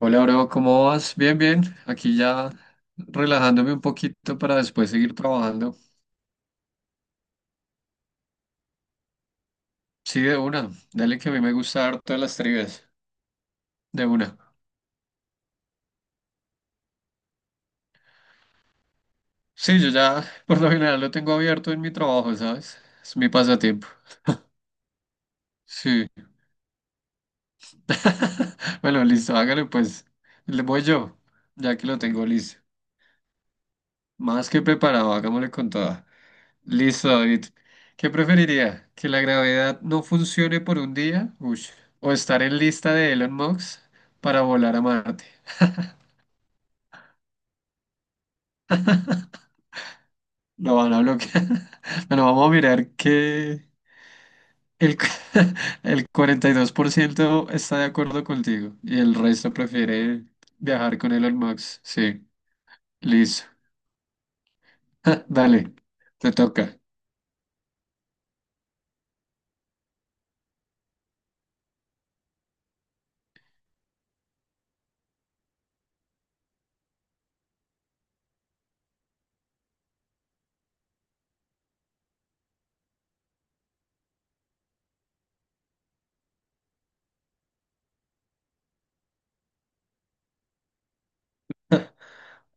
Hola, bro, ¿cómo vas? Bien, bien. Aquí ya relajándome un poquito para después seguir trabajando. Sí, de una. Dale que a mí me gusta harto las trivias. De una. Sí, yo ya por lo general lo tengo abierto en mi trabajo, ¿sabes? Es mi pasatiempo. Sí. Bueno, listo, hágale pues. Le voy yo, ya que lo tengo listo. Más que preparado, hagámosle con todo. Listo, David. ¿Qué preferiría? ¿Que la gravedad no funcione por un día? Ush. ¿O estar en lista de Elon Musk para volar a Marte? Lo van a bloquear. Bueno, vamos a mirar que el, cu- el 42% está de acuerdo contigo y el resto prefiere viajar con Elon Musk. Sí, listo. Dale, te toca.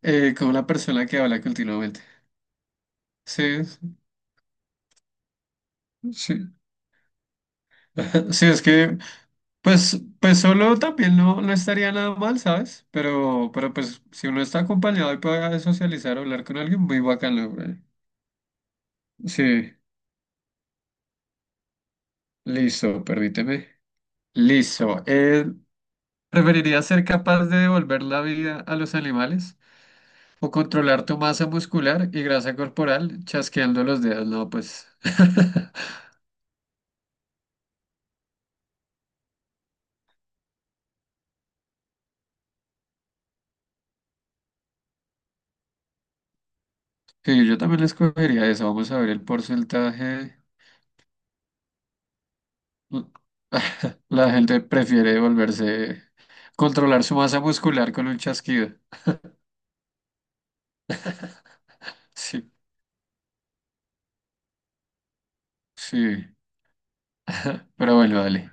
Como la persona que habla continuamente. Sí, sí. Sí, es que... Pues solo también no, no estaría nada mal, ¿sabes? Pero pues si uno está acompañado y puede socializar o hablar con alguien, muy bacano, güey. Sí, listo, permíteme. Listo. ¿Preferirías ser capaz de devolver la vida a los animales o controlar tu masa muscular y grasa corporal chasqueando los dedos? No, pues. Sí, yo también escogería eso. Vamos a ver el porcentaje. L- La gente prefiere volverse, controlar su masa muscular con un chasquido. Sí, sí. Pero bueno, dale.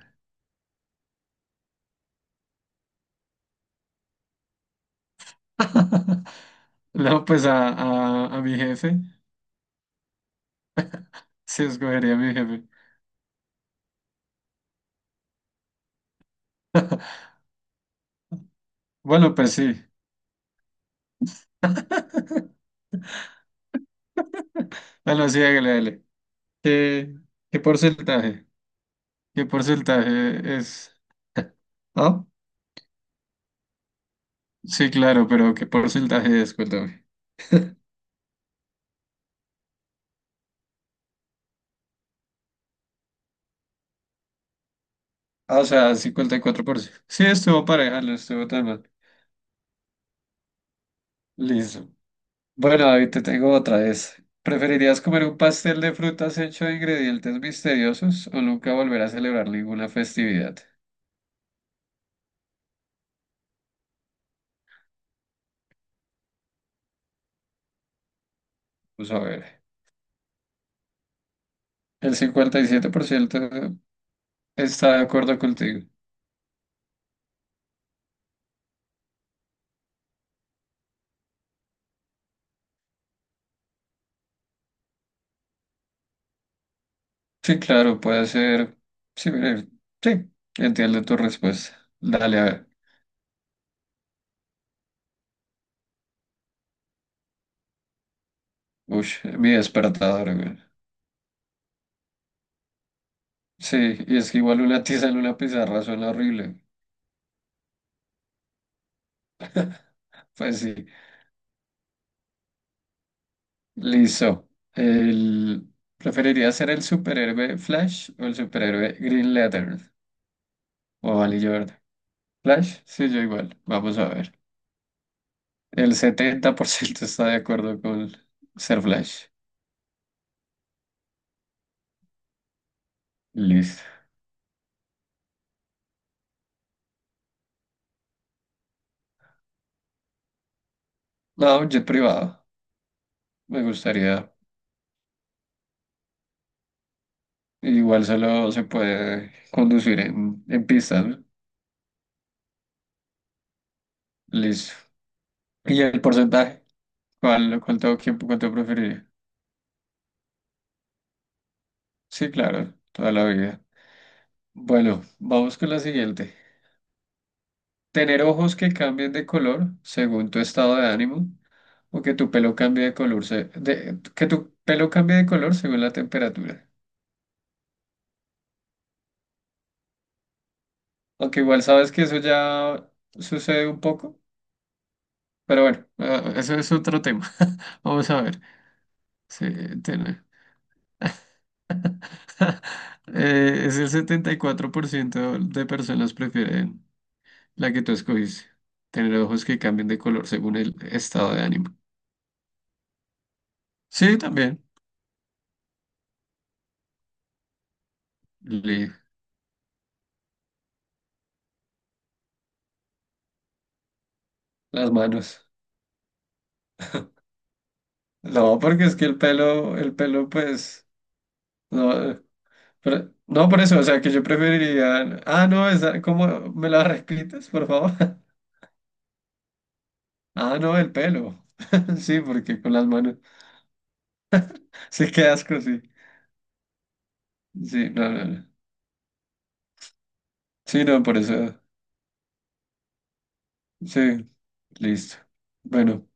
No, pues a mi jefe. Sí, escogería a mi jefe. Bueno, pues sí. Bueno, sí, hágale, dale. ¿Qué, qué porcentaje? ¿Qué porcentaje es? ¿Ah? Sí, claro, pero ¿qué porcentaje es? Cuéntame. Ah, o sea, 54%. Sí, estuvo pareja, no estuvo tan mal. Listo. Bueno, David, te tengo otra vez. ¿Preferirías comer un pastel de frutas hecho de ingredientes misteriosos o nunca volver a celebrar ninguna festividad? Vamos a ver. El 57% está de acuerdo contigo. Sí, claro, puede ser. Sí, mire, sí, entiendo tu respuesta. Dale, a ver. Uy, mi despertador, güey. Sí, y es que igual una tiza en una pizarra suena horrible. Pues sí. Listo. El... preferiría ser el superhéroe Flash o el superhéroe Green Lantern o Valley Jordan. Flash, sí, yo igual. Vamos a ver. El 70% está de acuerdo con ser Flash. Listo. No, jet privado. Me gustaría. Igual solo se puede conducir en, pistas, ¿no? Listo. ¿Y el porcentaje? ¿Cuál, cuánto tiempo, cuánto preferiría? Sí, claro, toda la vida. Bueno, vamos con la siguiente. Tener ojos que cambien de color según tu estado de ánimo o que tu pelo cambie de color, que tu pelo cambie de color según la temperatura. Aunque igual sabes que eso ya sucede un poco, pero bueno, eso es otro tema. Vamos a ver. Sí, tiene- es el 74% de personas prefieren la que tú escogiste. Tener ojos que cambien de color según el estado de ánimo. Sí, también. Li- Las manos. No, porque es que el pelo, pues, no, no por eso, o sea, que yo preferiría, no, esa, ¿cómo me la repites, por favor? Ah, no, el pelo, sí, porque con las manos, sí, qué asco, sí, sí, no, no, no, sí, no, por eso, sí, listo. Bueno,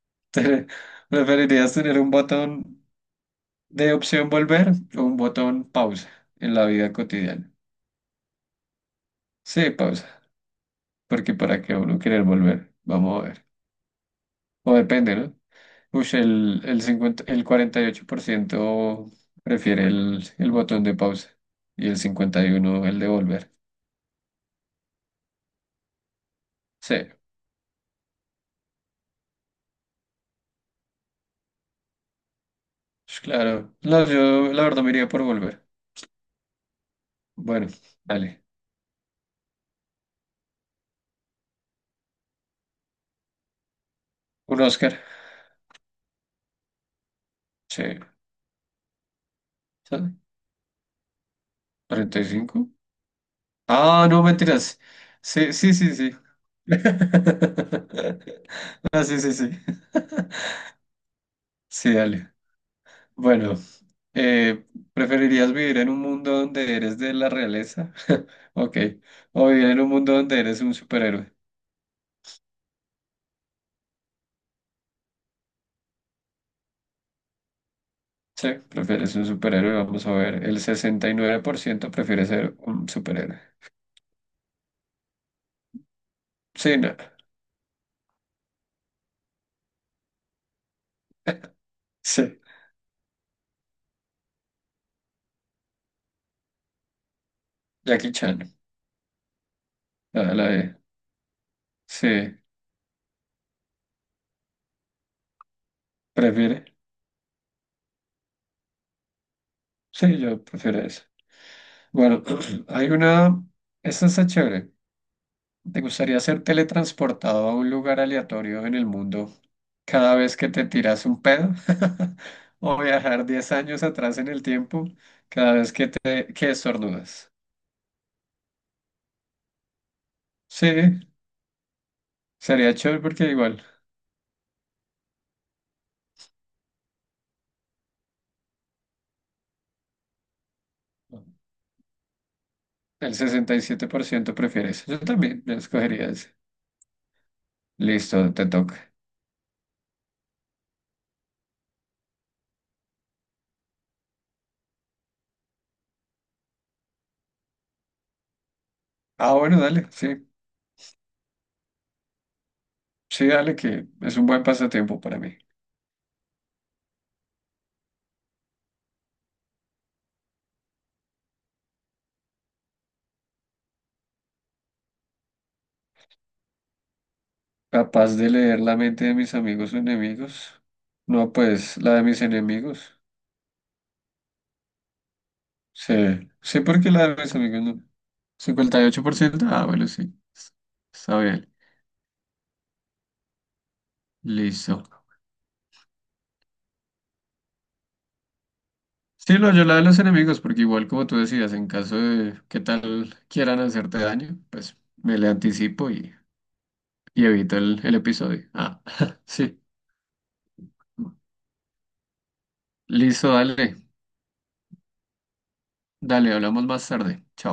te- ¿preferirías tener un botón de opción volver o un botón pausa en la vida cotidiana? Sí, pausa, porque para qué uno querer volver, vamos a ver, o depende, ¿no? Uy, el 48% prefiere el botón de pausa y el 51% el de volver. Sí, pues claro. No, yo la verdad me iría por volver. Bueno, dale. Un Oscar. Sí. ¿Sale? 45. Ah, no, mentiras. Sí, sí, sí, sí. Ah, sí, sí, sí. Sí, dale. Bueno, Eh, ¿preferirías vivir en un mundo donde eres de la realeza? Ok. O vivir en un mundo donde eres un superhéroe. Sí, prefieres un superhéroe. Vamos a ver. El 69% prefiere ser un superhéroe. Sí, no. Sí. Jackie Chan. Ah, la de. Sí. ¿Prefiere? Sí, yo prefiero eso. Bueno, hay una. Esta está chévere. ¿Te gustaría ser teletransportado a un lugar aleatorio en el mundo cada vez que te tiras un pedo o viajar 10 años atrás en el tiempo cada vez que te que estornudas. Sí, sería chévere porque igual el 67% prefiere eso. Yo también, yo escogería ese. Listo, te toca. Ah, bueno, dale, sí, sí, dale, que es un buen pasatiempo para mí. Capaz de leer la mente de mis amigos o enemigos. No, pues la de mis enemigos. Sí, sí, porque la de mis amigos no. 58%. Ah, bueno, sí. Está bien. Listo. Sí, lo yo la de los enemigos, porque igual como tú decías, en caso de que tal quieran hacerte daño, pues me le anticipo y evito el episodio. Ah, sí. Listo, dale. Dale, hablamos más tarde. Chao.